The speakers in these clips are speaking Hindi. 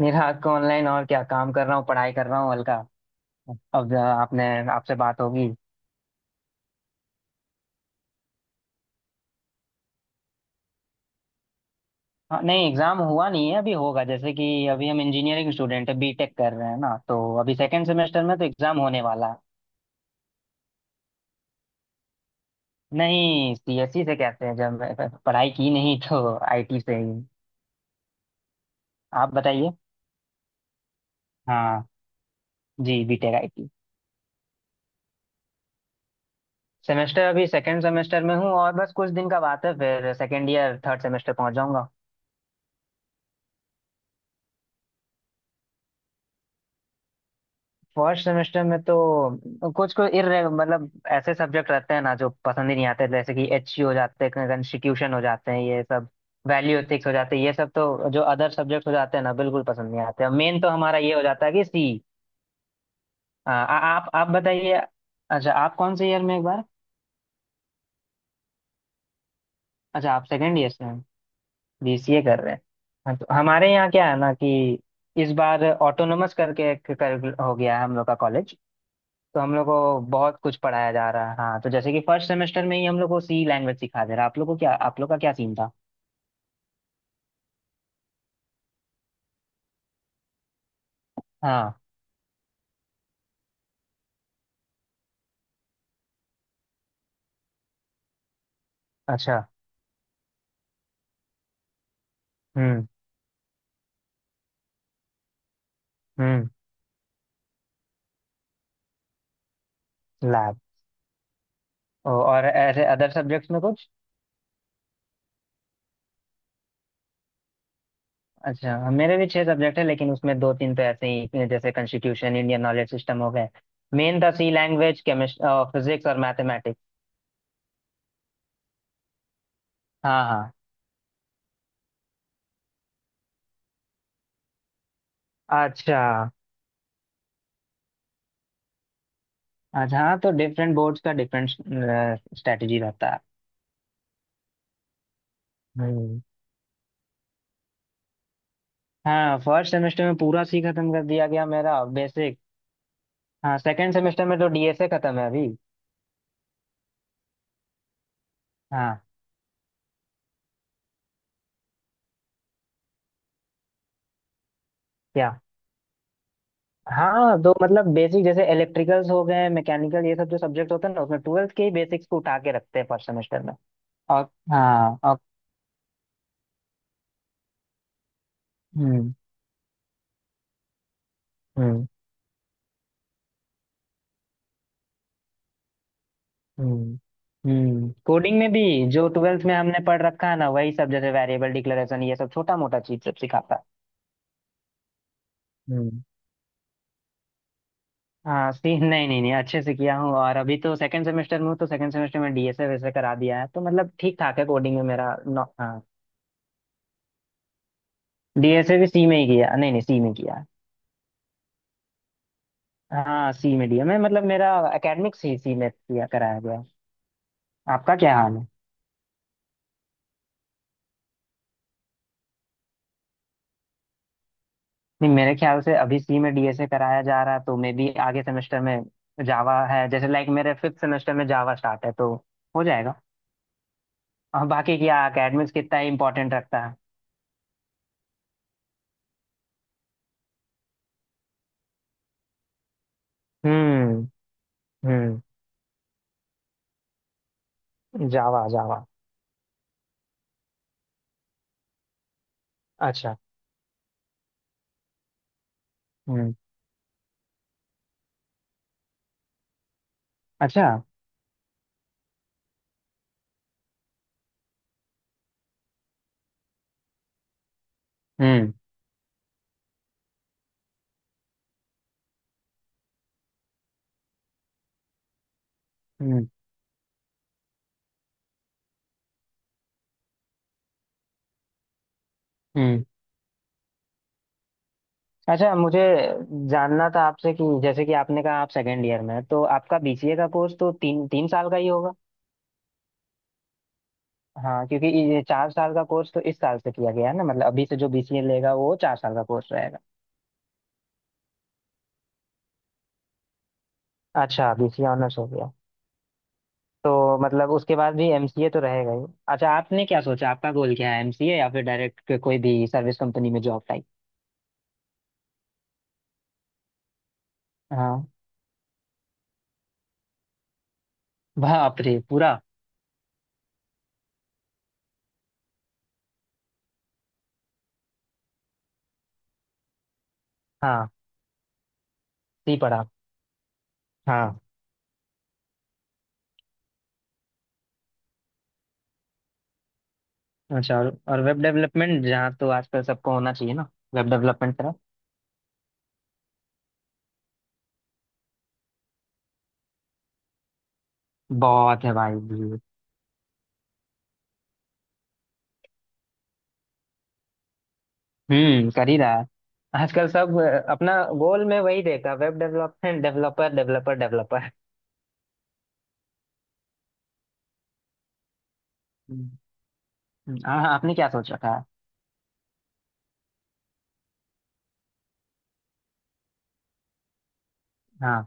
मेरा आपका ऑनलाइन। और क्या काम कर रहा हूँ, पढ़ाई कर रहा हूँ हल्का। अब आपने आपसे बात होगी। हाँ, नहीं एग्जाम हुआ नहीं है, अभी होगा। जैसे कि अभी हम इंजीनियरिंग स्टूडेंट है, बीटेक कर रहे हैं ना, तो अभी सेकंड सेमेस्टर में तो एग्जाम होने वाला है। नहीं सीएससी से कहते हैं, जब मैं पढ़ाई की नहीं, तो आईटी से ही। आप बताइए। हाँ जी, बीटेक आईटी सेमेस्टर। अभी सेकंड सेमेस्टर में हूँ और बस कुछ दिन का बात है, फिर सेकंड ईयर थर्ड सेमेस्टर पहुंच जाऊंगा। फर्स्ट सेमेस्टर में तो कुछ कुछ इर मतलब ऐसे सब्जेक्ट रहते हैं ना जो पसंद ही नहीं आते। जैसे कि एच हो जाते हैं, कंस्टिट्यूशन हो जाते हैं ये सब, वैल्यू एथिक्स हो जाते हैं ये सब। तो जो अदर सब्जेक्ट हो जाते हैं ना, बिल्कुल पसंद नहीं आते। मेन तो हमारा ये हो जाता है कि सी। आ, आ, आप बताइए। अच्छा, आप कौन से ईयर में, एक बार। अच्छा, आप सेकेंड ईयर से हैं। बीसीए कर रहे हैं। हाँ तो हमारे यहाँ क्या है ना कि इस बार ऑटोनोमस करके हो गया है हम लोग का कॉलेज। तो हम लोग को बहुत कुछ पढ़ाया जा रहा है। हाँ तो जैसे कि फर्स्ट सेमेस्टर में ही हम लोग को सी लैंग्वेज सिखा दे रहा है। आप लोग को क्या, आप लोग का क्या सीन था। हाँ। अच्छा। हम्म। हम्म। लैब। और ऐसे अदर सब्जेक्ट्स में कुछ। अच्छा, मेरे भी छह सब्जेक्ट है, लेकिन उसमें दो तीन तो ऐसे ही, जैसे कॉन्स्टिट्यूशन, इंडियन नॉलेज सिस्टम हो गए। मेन था सी लैंग्वेज, केमिस्ट्री, फिजिक्स और मैथमेटिक्स। हाँ हाँ। अच्छा अच्छा। हाँ तो डिफरेंट बोर्ड्स का डिफरेंट स्ट्रेटजी रहता है। हम्म। हाँ, फर्स्ट सेमेस्टर में पूरा सी खत्म कर दिया गया, मेरा बेसिक। हाँ, सेकेंड सेमेस्टर में तो डीएसए खत्म है अभी। हाँ। क्या। हाँ तो मतलब बेसिक जैसे इलेक्ट्रिकल्स हो गए, मैकेनिकल, ये सब जो सब्जेक्ट होते हैं ना, उसमें ट्वेल्थ के ही बेसिक्स को उठा के रखते हैं फर्स्ट सेमेस्टर में। और। हाँ और। हम्म। हम्म। हम्म। हम्म, कोडिंग में भी जो ट्वेल्थ में हमने पढ़ रखा है ना, वही सब जैसे वेरिएबल डिक्लेरेशन, ये सब छोटा मोटा चीज सब सिखाता है। हम्म। हाँ सी, नहीं नहीं नहीं अच्छे से किया हूँ। और अभी तो सेकंड सेमेस्टर में हूँ, तो सेकंड सेमेस्टर में डीएसए वैसे करा दिया है, तो मतलब ठीक ठाक है कोडिंग में मेरा। हाँ। डीएसए भी सी में ही किया, नहीं नहीं सी में किया है। हाँ सी में दिया मैं, मतलब मेरा एकेडमिक्स ही सी में किया कराया गया है। आपका क्या हाल है। नहीं, मेरे ख्याल से अभी सी में डीएसए कराया जा रहा है, तो मे भी आगे सेमेस्टर में जावा है, जैसे लाइक मेरे फिफ्थ सेमेस्टर में जावा स्टार्ट है, तो हो जाएगा। और बाकी क्या, एकेडमिक्स कितना ही इम्पोर्टेंट रखता है। हम्म। हम्म। Java Java. अच्छा। हम्म। अच्छा। हम्म। हम्म। हम्म। अच्छा, मुझे जानना था आपसे कि जैसे कि आपने कहा आप सेकेंड ईयर में हैं, तो आपका बीसीए का कोर्स तो तीन तीन साल का ही होगा। हाँ, क्योंकि ये चार साल का कोर्स तो इस साल से किया गया है ना, मतलब अभी से जो बीसीए लेगा वो चार साल का कोर्स रहेगा। अच्छा, बीसीए ऑनर्स हो गया। तो मतलब उसके बाद भी एमसीए तो रहेगा ही। अच्छा, आपने क्या सोचा, आपका गोल क्या है, एमसीए या फिर डायरेक्ट कोई भी सर्विस कंपनी में जॉब टाइप। हाँ। बाप रे, पूरा। हाँ सी पढ़ा। हाँ। अच्छा और वेब डेवलपमेंट जहाँ तो आजकल सबको होना चाहिए ना। वेब डेवलपमेंट बहुत है भाई जी। हम्म, कर ही रहा है। आजकल सब अपना गोल में वही देखा, web development, developer developer developer. हम्म। हाँ, आपने क्या सोच रखा है। हाँ।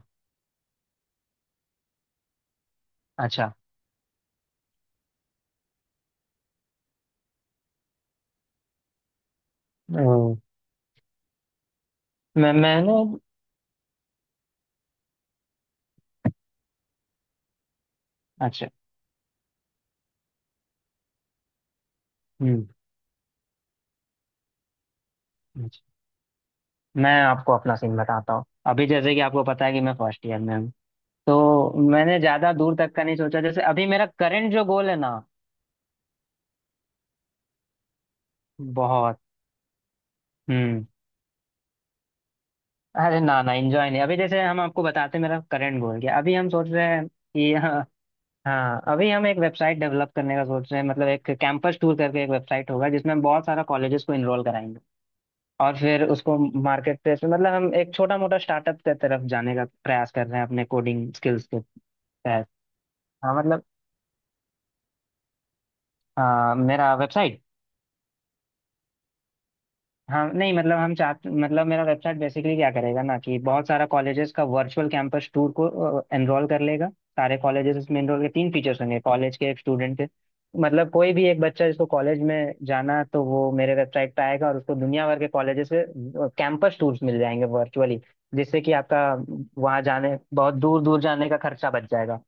अच्छा। ओ, मैंने। अच्छा। हम्म। अच्छा, मैं आपको अपना सीन बताता हूँ। अभी जैसे कि आपको पता है कि मैं फर्स्ट ईयर में हूँ, तो मैंने ज्यादा दूर तक का नहीं सोचा। जैसे अभी मेरा करंट जो गोल है ना, बहुत। हम्म। अरे ना ना, एंजॉय नहीं। अभी जैसे हम आपको बताते हैं मेरा करंट गोल क्या है। अभी हम सोच रहे हैं कि हाँ, अभी हम एक वेबसाइट डेवलप करने का सोच रहे हैं। मतलब एक कैंपस टूर करके एक वेबसाइट होगा, जिसमें हम बहुत सारा कॉलेजेस को इनरोल कराएंगे। और फिर उसको मार्केट प्लेस में, मतलब हम एक छोटा मोटा स्टार्टअप की तरफ जाने का प्रयास कर रहे हैं अपने कोडिंग स्किल्स के तहत। हाँ मतलब मेरा वेबसाइट। हाँ नहीं मतलब हम चाहते, मतलब मेरा वेबसाइट बेसिकली क्या करेगा ना, कि बहुत सारा कॉलेजेस का वर्चुअल कैंपस टूर को एनरोल कर लेगा। सारे कॉलेजेस इसमें एनरोल के तीन फीचर्स होंगे, कॉलेज के, एक स्टूडेंट के। मतलब कोई भी एक बच्चा जिसको कॉलेज में जाना है, तो वो मेरे वेबसाइट पे आएगा और उसको दुनिया भर के कॉलेजेस से कैंपस टूर्स मिल जाएंगे, वर्चुअली। जिससे कि आपका वहाँ जाने, बहुत दूर दूर जाने का खर्चा बच जाएगा।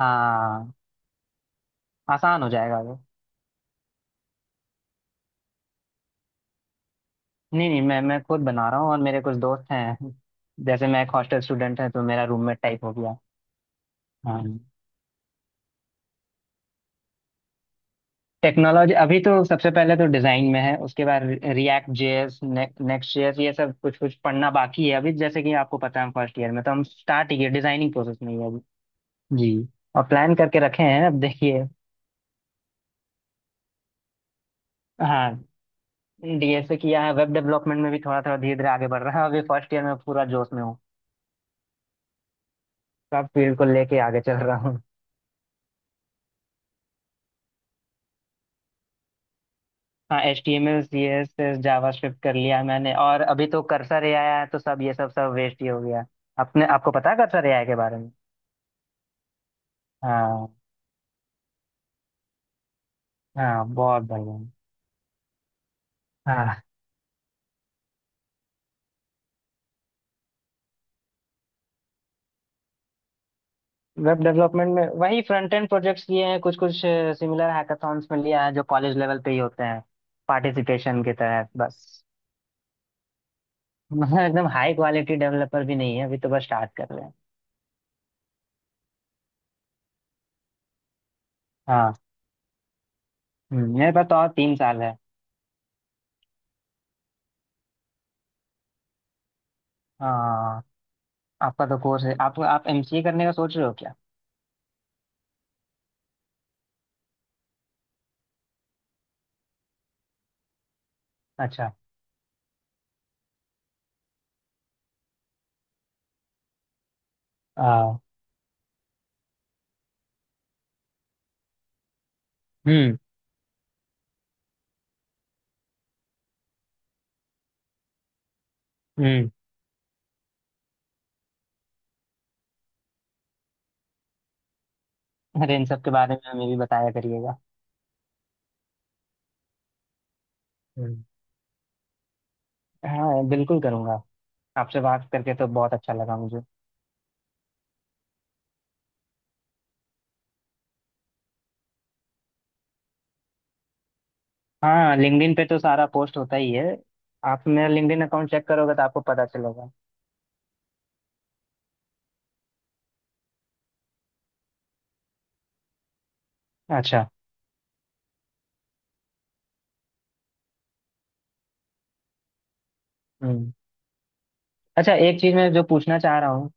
हाँ, आसान हो जाएगा वो। नहीं नहीं मैं खुद बना रहा हूँ और मेरे कुछ दोस्त हैं। जैसे मैं एक हॉस्टल स्टूडेंट है, तो मेरा रूममेट टाइप हो गया। हाँ। टेक्नोलॉजी अभी तो सबसे पहले तो डिजाइन में है। उसके बाद रिएक्ट जेएस, नेक्स्ट जेएस, ये सब कुछ कुछ पढ़ना बाकी है अभी। जैसे कि आपको पता है, हम फर्स्ट ईयर में तो हम स्टार्ट ही किए, डिजाइनिंग प्रोसेस में ही है अभी। जी, और प्लान करके रखे हैं, अब देखिए। हाँ, डीएसए किया है, वेब डेवलपमेंट में भी थोड़ा थोड़ा धीरे धीरे आगे बढ़ रहा है। अभी फर्स्ट ईयर में पूरा जोश में हूँ, सब फील्ड को लेके आगे चल रहा। हाँ H T M L, C S S, JavaScript कर लिया मैंने। और अभी तो कर्सर ए आया है, तो सब ये सब सब वेस्ट ही हो गया। अपने आपको पता है कर्सर ए आई के बारे में। हाँ। हाँ, बहुत बढ़िया। हाँ, वेब डेवलपमेंट में वही फ्रंट एंड प्रोजेक्ट्स किए हैं, कुछ कुछ सिमिलर हैकाथॉन्स में लिया है जो कॉलेज लेवल पे ही होते हैं, पार्टिसिपेशन के तहत बस। मतलब एकदम हाई क्वालिटी डेवलपर भी नहीं है, अभी तो बस स्टार्ट कर रहे हैं। हाँ। मेरे पास तो और तीन साल है। हाँ, आपका तो कोर्स है। आप एमसीए करने का सोच रहे हो क्या। अच्छा। हाँ। हम्म। हम्म। अरे, इन सब के बारे में हमें भी बताया करिएगा। हम्म। हाँ बिल्कुल करूंगा। आपसे बात करके तो बहुत अच्छा लगा मुझे। हाँ लिंक्डइन पे तो सारा पोस्ट होता ही है। आप मेरा लिंक्डइन अकाउंट चेक करोगे तो आपको पता चलेगा। अच्छा। हम्म। अच्छा, एक चीज मैं जो पूछना चाह रहा हूँ,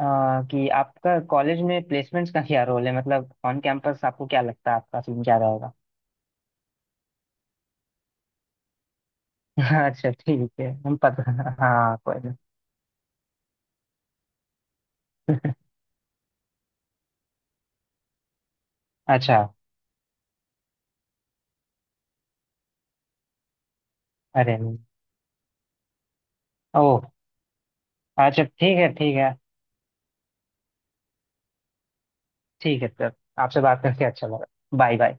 कि आपका कॉलेज में प्लेसमेंट्स का क्या रोल है, मतलब ऑन कैंपस आपको क्या लगता है, आपका सीन क्या रहेगा। अच्छा ठीक है, हम पता। हाँ कोई नहीं। अच्छा। अरे नहीं। ओह। अच्छा ठीक है, ठीक है। ठीक है सर, आपसे बात करके अच्छा लगा। Bye bye.